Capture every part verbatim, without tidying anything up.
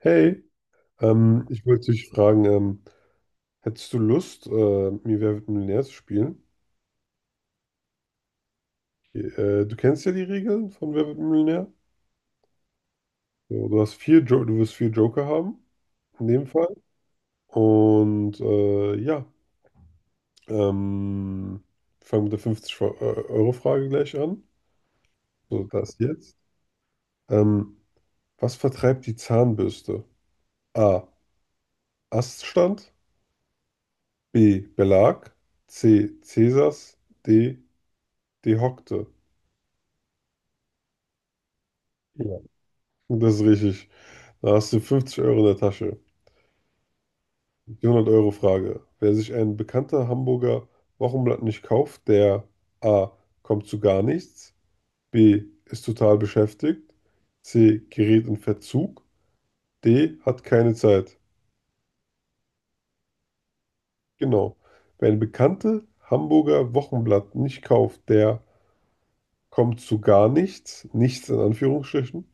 Hey, ähm, ich wollte dich fragen, ähm, hättest du Lust, äh, mir Wer wird Millionär zu spielen? Äh, du kennst ja die Regeln von Wer wird Millionär. So, du hast vier jo du wirst vier Joker haben, in dem Fall. Und äh, ja, ähm, wir fange mit der fünfzig euro frage gleich an. So, das jetzt. Ähm, Was vertreibt die Zahnbürste? A. Aststand. B. Belag. C. Cäsars. D. Dehockte. Ja. Das ist richtig. Da hast du fünfzig Euro in der Tasche. Die hundert Euro Frage. Wer sich ein bekannter Hamburger Wochenblatt nicht kauft, der A. kommt zu gar nichts, B. ist total beschäftigt, C. gerät in Verzug, D. hat keine Zeit. Genau. Wer ein bekannte Hamburger Wochenblatt nicht kauft, der kommt zu gar nichts, nichts in Anführungsstrichen,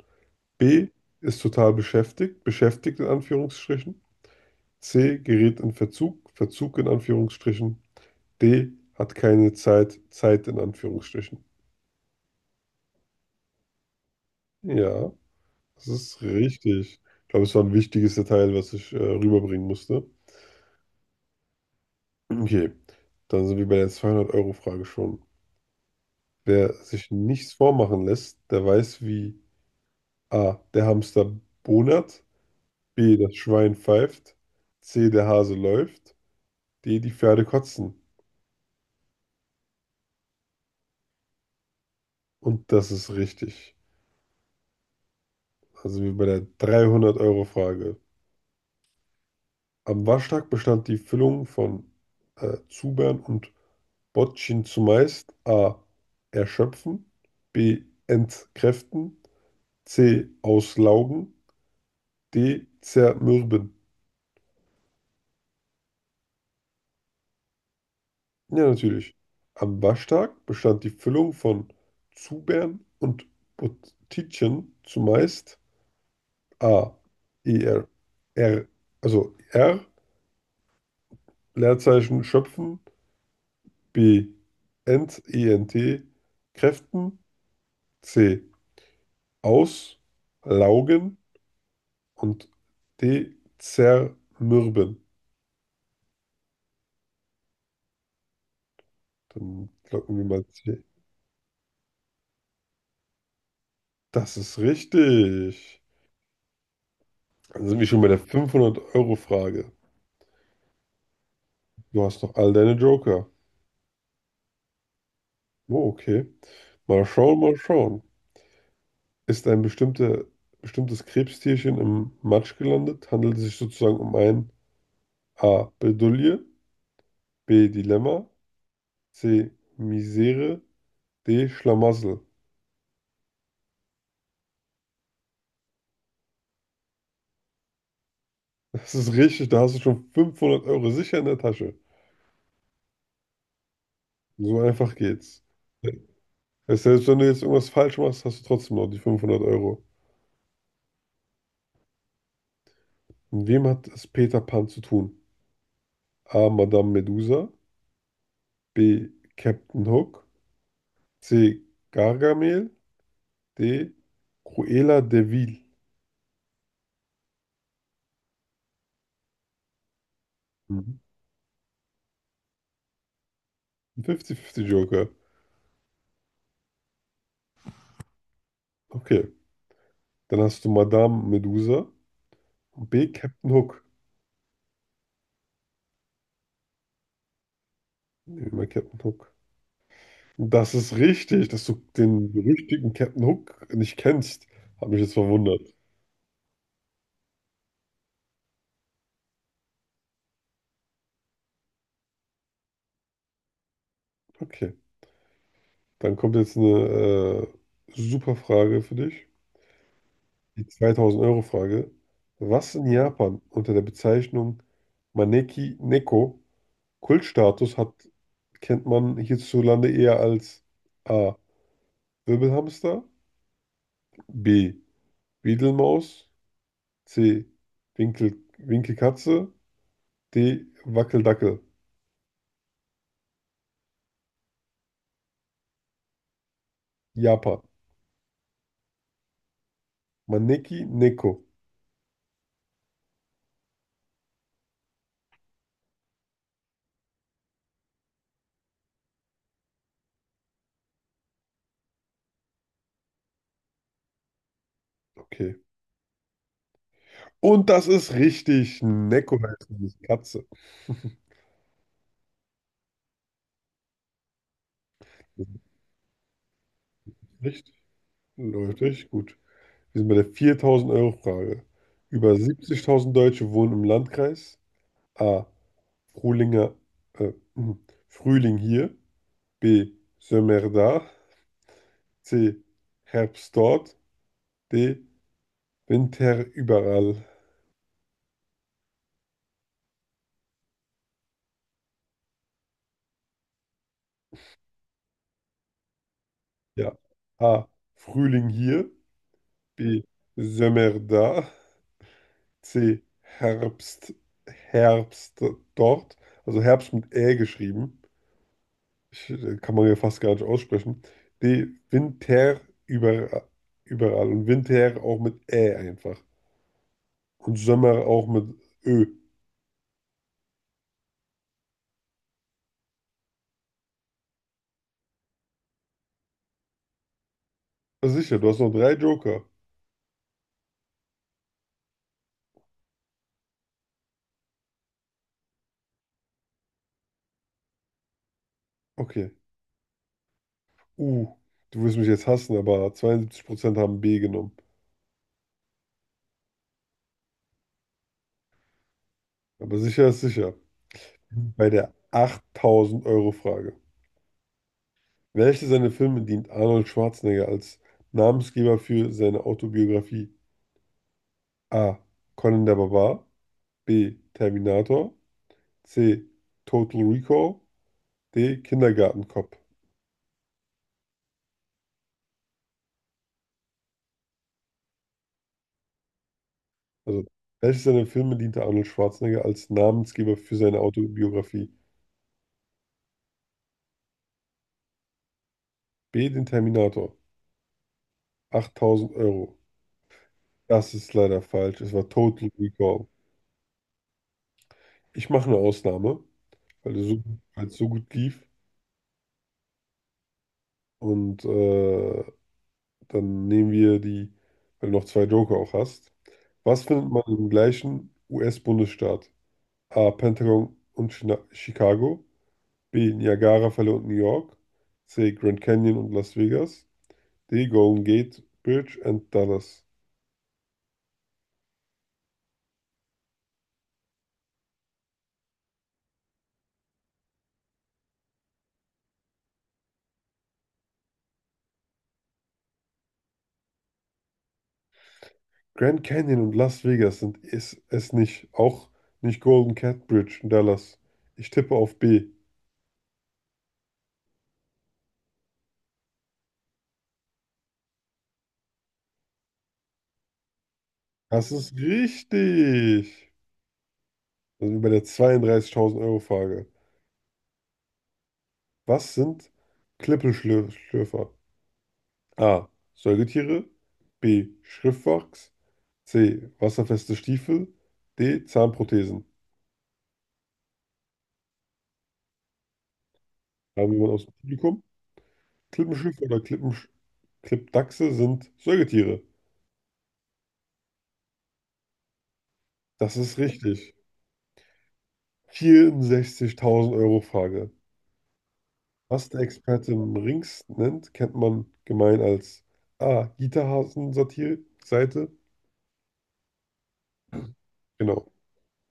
B. ist total beschäftigt, beschäftigt in Anführungsstrichen, C. gerät in Verzug, Verzug in Anführungsstrichen. D hat keine Zeit, Zeit in Anführungsstrichen. Ja, das ist richtig. Ich glaube, es war ein wichtiges Detail, was ich äh, rüberbringen musste. Okay, dann sind wir bei der zweihundert-Euro-Frage schon. Wer sich nichts vormachen lässt, der weiß, wie A. der Hamster bonert, B. das Schwein pfeift, C. der Hase läuft, D. die Pferde kotzen. Und das ist richtig. Also wie bei der dreihundert-Euro-Frage. Am Waschtag bestand die Füllung von äh, Zubern und Bottchen zumeist a. erschöpfen, b. entkräften, c. auslaugen, d. zermürben. Ja, natürlich. Am Waschtag bestand die Füllung von Zubern und Bottitchen zumeist a. er, er, also r. Leerzeichen schöpfen, b. ent, ent, kräften, c. auslaugen und dezermürben. Dann locken wir mal C. Das ist richtig. Dann sind wir schon bei der fünfhundert euro frage. Du hast noch all deine Joker. Oh, okay. Mal schauen, mal schauen. Ist ein bestimmte, bestimmtes Krebstierchen im Matsch gelandet, handelt es sich sozusagen um ein A. Bedulie, B. Dilemma, C. Misere, D. Schlamassel. Das ist richtig, da hast du schon fünfhundert Euro sicher in der Tasche. So einfach geht's. Weißt du, selbst wenn du jetzt irgendwas falsch machst, hast du trotzdem noch die fünfhundert Euro. Mit wem hat es Peter Pan zu tun? A. Madame Medusa. B. Captain Hook. C. Gargamel. D. Cruella de Vil. Mhm. Ein fünfzig fünfzig Joker. Okay. Dann hast du Madame Medusa und B. Captain Hook. Nehmen wir mal Captain Hook. Das ist richtig, dass du den berüchtigten Captain Hook nicht kennst. Hat mich jetzt verwundert. Okay. Dann kommt jetzt eine äh, super Frage für dich. Die zweitausend-Euro-Frage. Was in Japan unter der Bezeichnung Maneki Neko Kultstatus hat, kennt man hierzulande eher als A. Wirbelhamster, B. Wiedelmaus, C. Winkel, Winkelkatze, D. Wackeldackel. Japan. Maneki Neko. Okay. Und das ist richtig. Neko heißt diese Katze. Das ist richtig. Leute, gut. Wir sind bei der viertausend-Euro-Frage. Über siebzigtausend Deutsche wohnen im Landkreis. A. Frühlinger, äh, hm, Frühling hier. B. Sommer da. C. Herbst dort. D. Winter überall. Ja. A. Frühling hier. B. Sommer da. C. Herbst, Herbst dort. Also Herbst mit Ä geschrieben. Ich, äh, kann man ja fast gar nicht aussprechen. Nee, Winter über überall. Und Winter auch mit Ä einfach. Und Sommer auch mit Ö. Ah, sicher, du hast noch drei Joker. Okay. Uh, Du wirst mich jetzt hassen, aber zweiundsiebzig Prozent haben B genommen. Aber sicher ist sicher. Bei der achttausend-Euro-Frage. Welche seiner Filme dient Arnold Schwarzenegger als Namensgeber für seine Autobiografie? A. Conan der Barbar. B. Terminator. C. Total Recall. D. Kindergartenkopf. Also, welches seiner Filme diente Arnold Schwarzenegger als Namensgeber für seine Autobiografie? B. Den Terminator. Achttausend Euro. Das ist leider falsch. Es war Total Recall. Ich mache eine Ausnahme, weil es so, weil es so gut lief. Und äh, dann nehmen wir die, weil du noch zwei Joker auch hast. Was findet man im gleichen U S-Bundesstaat? A. Pentagon und China Chicago. B. Niagarafälle und New York. C. Grand Canyon und Las Vegas. D. Golden Gate Bridge and Dallas. Grand Canyon und Las Vegas sind es, es, nicht. Auch nicht Golden Gate Bridge und Dallas. Ich tippe auf B. Das ist richtig. Da sind wir bei der zweiunddreißigtausend Euro Frage. Was sind Klippelschlürfer? A. Säugetiere. B. Schriftwachs. C. Wasserfeste Stiefel. D. Zahnprothesen. Haben wir jemanden aus dem Publikum? Klippenschlüpfer oder Klippen, Klippdachse sind Säugetiere. Das ist richtig. Vierundsechzigtausend Euro Frage. Was der Experte Rings nennt, kennt man gemein als A. Gitterhasen-Satire-Seite. Genau.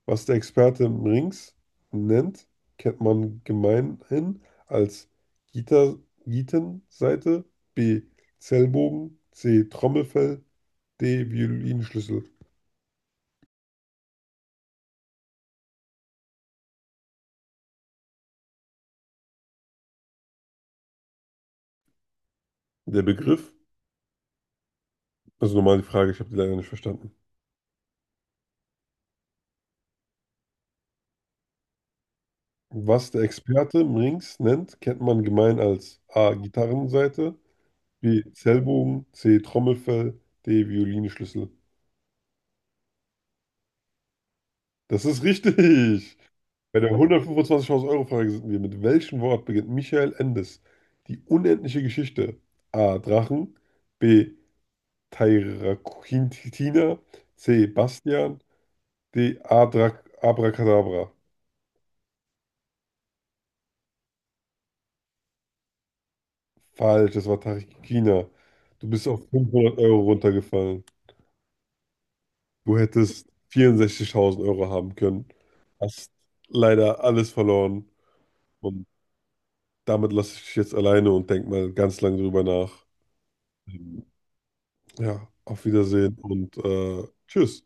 Was der Experte Rings nennt, kennt man gemeinhin als Gitter, Gitenseite. B. Zellbogen. C. Trommelfell. D. Violinschlüssel. Der Begriff, also nochmal die Frage, ich habe die leider nicht verstanden. Was der Experte Mrings nennt, kennt man gemein als A. Gitarrenseite, B. Zellbogen, C. Trommelfell, D. Violinschlüssel. Das ist richtig! Bei der hundertfünfundzwanzigtausend Euro Frage sind wir. Mit welchem Wort beginnt Michael Endes die unendliche Geschichte? A. Drachen, B. Tairakintina, C. Bastian, D. Adra Abracadabra. Falsch, das war Tarikina. Du bist auf fünfhundert Euro runtergefallen. Du hättest vierundsechzigtausend Euro haben können. Hast leider alles verloren. Und damit lasse ich dich jetzt alleine und denk mal ganz lang drüber nach. Ähm, Ja, auf Wiedersehen und äh, tschüss.